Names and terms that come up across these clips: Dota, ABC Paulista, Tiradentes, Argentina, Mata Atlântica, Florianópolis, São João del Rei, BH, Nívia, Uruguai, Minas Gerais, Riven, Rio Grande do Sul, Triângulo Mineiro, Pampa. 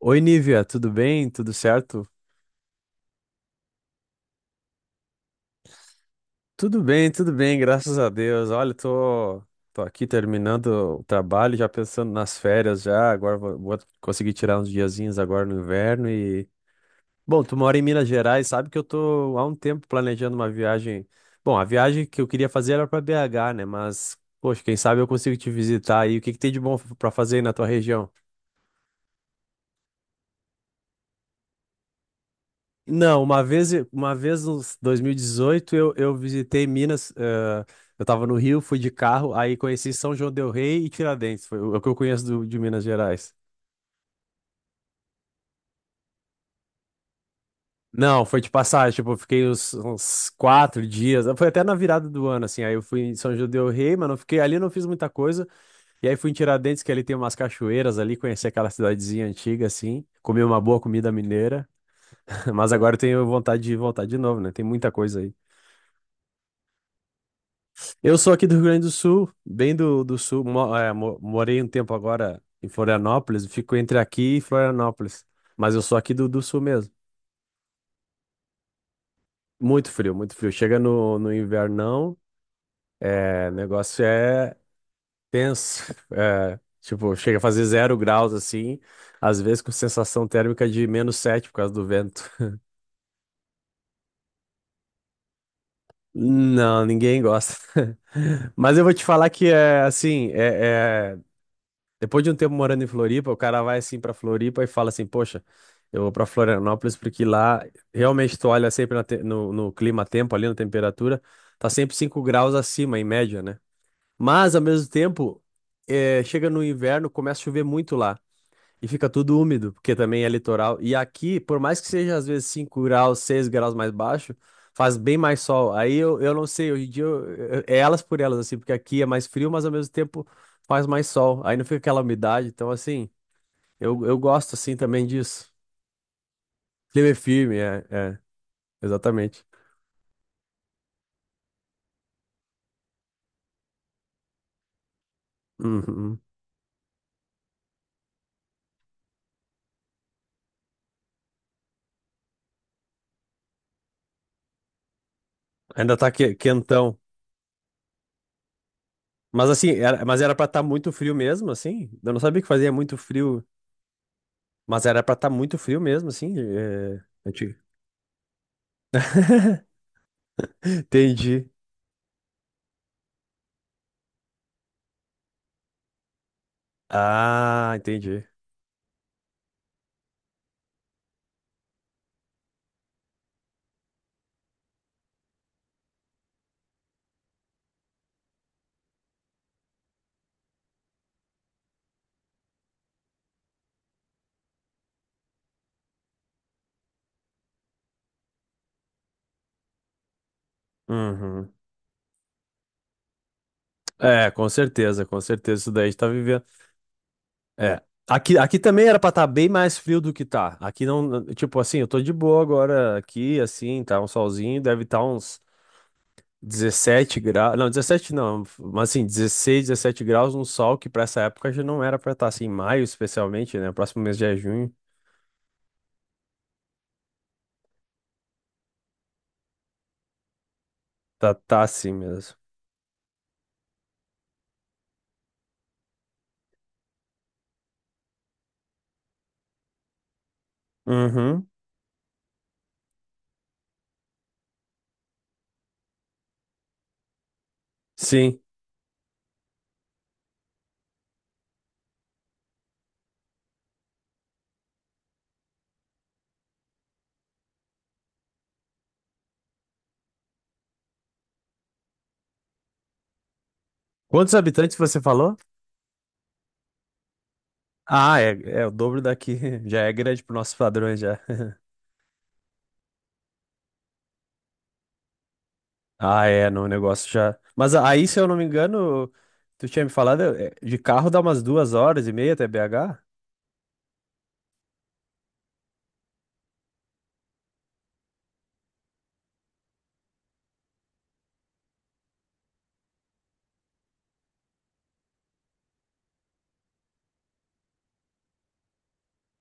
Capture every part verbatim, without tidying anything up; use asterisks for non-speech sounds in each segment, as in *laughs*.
Oi, Nívia, tudo bem? Tudo certo? Tudo bem, tudo bem, graças a Deus. Olha, tô, tô aqui terminando o trabalho, já pensando nas férias já. Agora vou, vou conseguir tirar uns diazinhos agora no inverno e... Bom, tu mora em Minas Gerais, sabe que eu tô há um tempo planejando uma viagem... Bom, a viagem que eu queria fazer era para B agá, né? Mas, poxa, quem sabe eu consigo te visitar aí. O que que tem de bom para fazer aí na tua região? Não, uma vez, uma vez em dois mil e dezoito, eu, eu visitei Minas, eh, eu tava no Rio, fui de carro, aí conheci São João del Rei e Tiradentes, foi o é o que eu conheço do- de Minas Gerais. Não, foi de passagem, tipo, eu fiquei uns, uns quatro dias, foi até na virada do ano, assim, aí eu fui em São João del Rei, mas não fiquei ali, não fiz muita coisa, e aí fui em Tiradentes, que ali tem umas cachoeiras ali, conheci aquela cidadezinha antiga, assim, comi uma boa comida mineira, *laughs* mas agora eu tenho vontade de voltar de novo, né, tem muita coisa aí. Eu sou aqui do Rio Grande do Sul, bem do, do sul. Mo- é, mo- morei um tempo agora em Florianópolis, fico entre aqui e Florianópolis. Mas eu sou aqui do, do sul mesmo. Muito frio, muito frio. Chega no, no invernão, é, o negócio é tenso. *laughs* É, tipo, chega a fazer zero graus assim, às vezes com sensação térmica de menos sete por causa do vento. Não, ninguém gosta. *laughs* Mas eu vou te falar que é assim, é, é Depois de um tempo morando em Floripa, o cara vai assim pra Floripa e fala assim: Poxa, eu vou pra Florianópolis porque lá realmente tu olha sempre na te- no, no clima-tempo, ali na temperatura, tá sempre cinco graus acima, em média, né? Mas, ao mesmo tempo, eh, chega no inverno, começa a chover muito lá. E fica tudo úmido, porque também é litoral. E aqui, por mais que seja às vezes cinco graus, seis graus mais baixo, faz bem mais sol. Aí eu, eu não sei, hoje em dia eu- eu- é elas por elas, assim, porque aqui é mais frio, mas ao mesmo tempo faz mais sol. Aí não fica aquela umidade. Então, assim, eu, eu gosto assim também disso. Clima é firme, é, é, exatamente. Uhum. Ainda tá que- quentão. Mas assim, era, mas era pra estar muito frio mesmo, assim. Eu não sabia que fazia muito frio, mas era pra estar muito frio mesmo, assim. É, *laughs* Entendi. Ah, entendi. Uhum. É, com certeza, com certeza. Isso daí a gente tá vivendo. É. Aqui, aqui também era pra estar bem mais frio do que tá. Aqui não. Tipo assim, eu tô de boa agora aqui, assim, tá um solzinho, deve estar uns dezessete graus. Não, dezessete não, mas assim, dezesseis, dezessete graus, um sol que pra essa época já não era pra estar assim, em maio especialmente, né? Próximo mês já é junho. Tá, tá assim mesmo. Uhum. Sim. Quantos habitantes você falou? Ah, é, é o dobro daqui. *laughs* Já é grande para nossos padrões já. *laughs* Ah, é, não, o negócio já. Mas aí, se eu não me engano, tu tinha me falado, é, de carro dá umas duas horas e meia até B agá?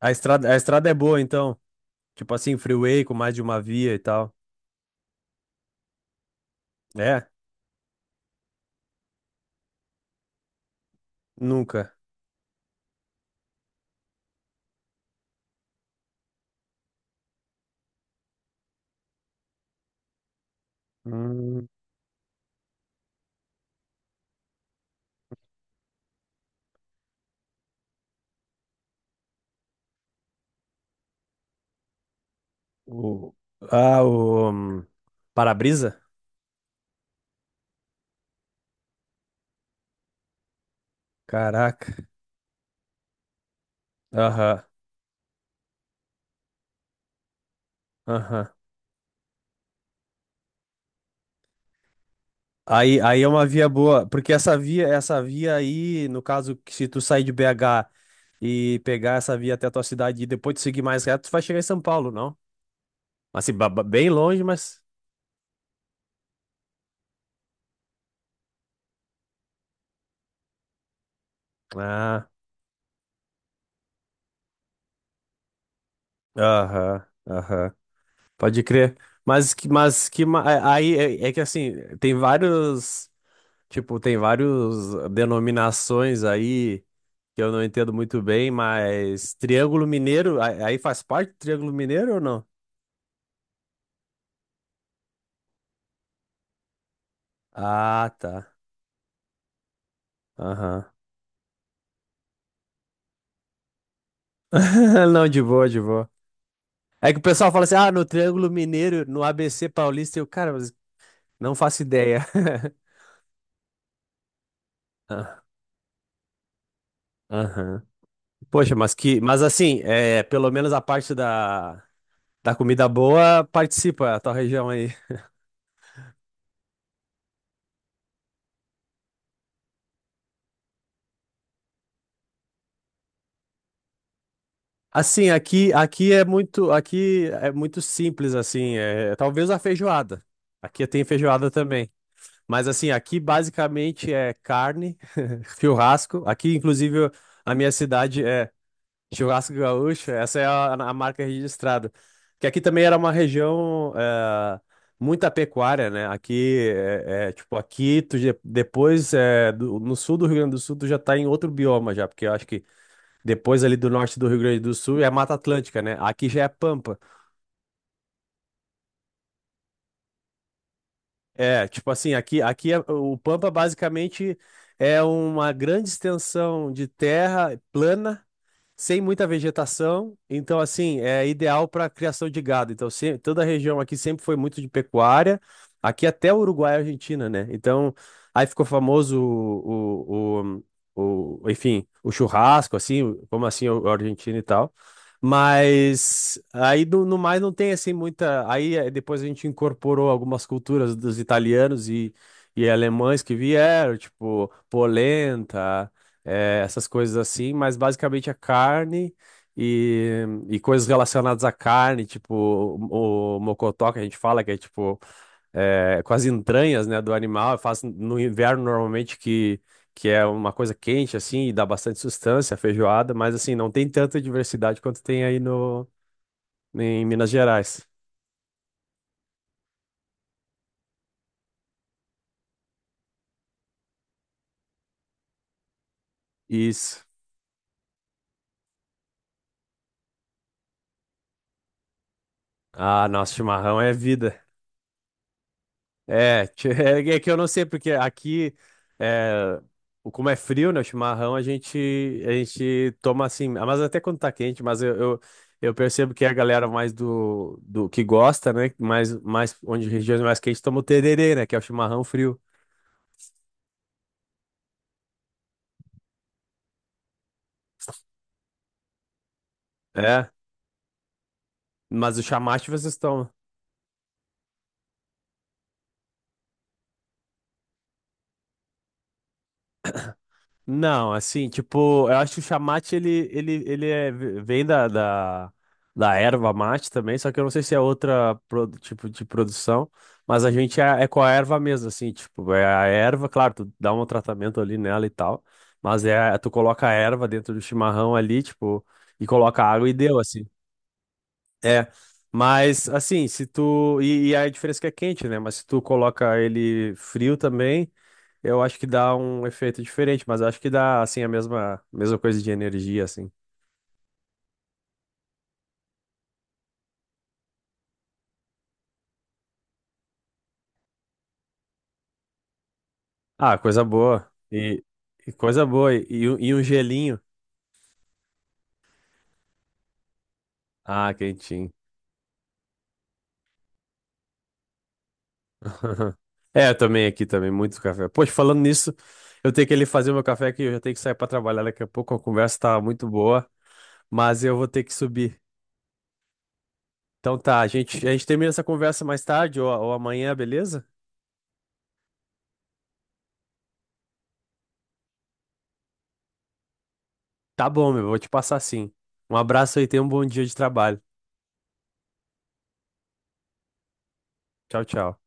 A estrada, a estrada é boa, então. Tipo assim, freeway com mais de uma via e tal. É? Nunca. Hum, o... Ah, o. hum, Para-brisa? Caraca. Aham, aham. Aí, aí é uma via boa, porque essa via, essa via aí, no caso, que se tu sair de B agá. E pegar essa via até a tua cidade e depois tu seguir mais reto, tu vai chegar em São Paulo, não? Assim, ba- ba- bem longe, mas. Ah, aham, aham. Pode crer. Mas, que- mas que. ma- a- Aí é, é que assim, tem vários. Tipo, tem vários denominações aí que eu não entendo muito bem, mas Triângulo Mineiro, a- aí faz parte do Triângulo Mineiro ou não? Ah, tá. Aham. *laughs* Não, de boa, de boa. É que o pessoal fala assim, ah, no Triângulo Mineiro, no A B C Paulista, eu, cara, mas não faço ideia. *laughs* Ah, aham. Poxa, mas que, mas assim, é, pelo menos a parte da, da comida boa participa a tua região aí. Assim, aqui, aqui é muito, aqui é muito simples assim, é, talvez a feijoada. Aqui tem feijoada também. Mas assim, aqui basicamente é carne, *laughs* churrasco. Aqui, inclusive, a minha cidade é Churrasco Gaúcho, essa é a, a marca registrada. Que aqui também era uma região eh, muita pecuária, né? Aqui, é, é, tipo, aqui, tu, de- depois, eh, do- no sul do Rio Grande do Sul, tu já tá em outro bioma já, porque eu acho que depois ali do norte do Rio Grande do Sul é Mata Atlântica, né? Aqui já é Pampa. É, tipo assim, aqui, aqui é- o Pampa basicamente é uma grande extensão de terra plana sem muita vegetação, então assim, é ideal para criação de gado. Então, se- toda a região aqui sempre foi muito de pecuária, aqui até o Uruguai e Argentina, né? Então, aí ficou famoso o, o, o, o- enfim, o churrasco, assim, o- como assim, o, o argentino e tal. Mas aí no, no mais não tem assim muita. Aí eh, depois a gente incorporou algumas culturas dos italianos e, e alemães que vieram, tipo polenta eh, essas coisas assim, mas basicamente a carne e, e coisas relacionadas à carne, tipo o, o mocotó que a gente fala, que é tipo eh, com as entranhas, né, do animal. Eu faço no inverno normalmente que, que é uma coisa quente assim e dá bastante sustância, a feijoada, mas assim, não tem tanta diversidade quanto tem aí no, em Minas Gerais. Isso. Ah, nosso chimarrão é vida. É, *laughs* é que eu não sei, porque aqui, é, como é frio, né, o chimarrão, a gente, a gente toma assim, ah, mas até quando tá quente, mas eu, eu, eu percebo que a galera mais do, do que gosta, né, mais, mais, onde regiões mais quentes toma o tererê, né, que é o chimarrão frio. É, mas o chamaste vocês tomam. Não, assim, tipo, eu acho que o chamate ele, ele, ele é, vem da, da da erva mate também, só que eu não sei se é outra pro- tipo de produção, mas a gente é, é com a erva mesmo, assim, tipo, é a erva, claro, tu dá um tratamento ali nela e tal, mas é, tu coloca a erva dentro do chimarrão ali, tipo, e coloca água e deu, assim. É, mas assim, se tu. E, e a diferença é que é quente, né? Mas se tu coloca ele frio também, eu acho que dá um efeito diferente, mas eu acho que dá, assim, a mesma, mesma coisa de energia, assim. Ah, coisa boa. E, e coisa boa. E, e um e um gelinho. Ah, quentinho. *laughs* É, eu também aqui também, muito café. Poxa, falando nisso, eu tenho que ali fazer meu café aqui, eu já tenho que sair pra trabalhar daqui a pouco, a conversa tá muito boa, mas eu vou ter que subir. Então tá, a gente, a gente termina essa conversa mais tarde ou, ou amanhã, beleza? Tá bom, meu, vou te passar sim. Um abraço aí, tenha um bom dia de trabalho. Tchau, tchau.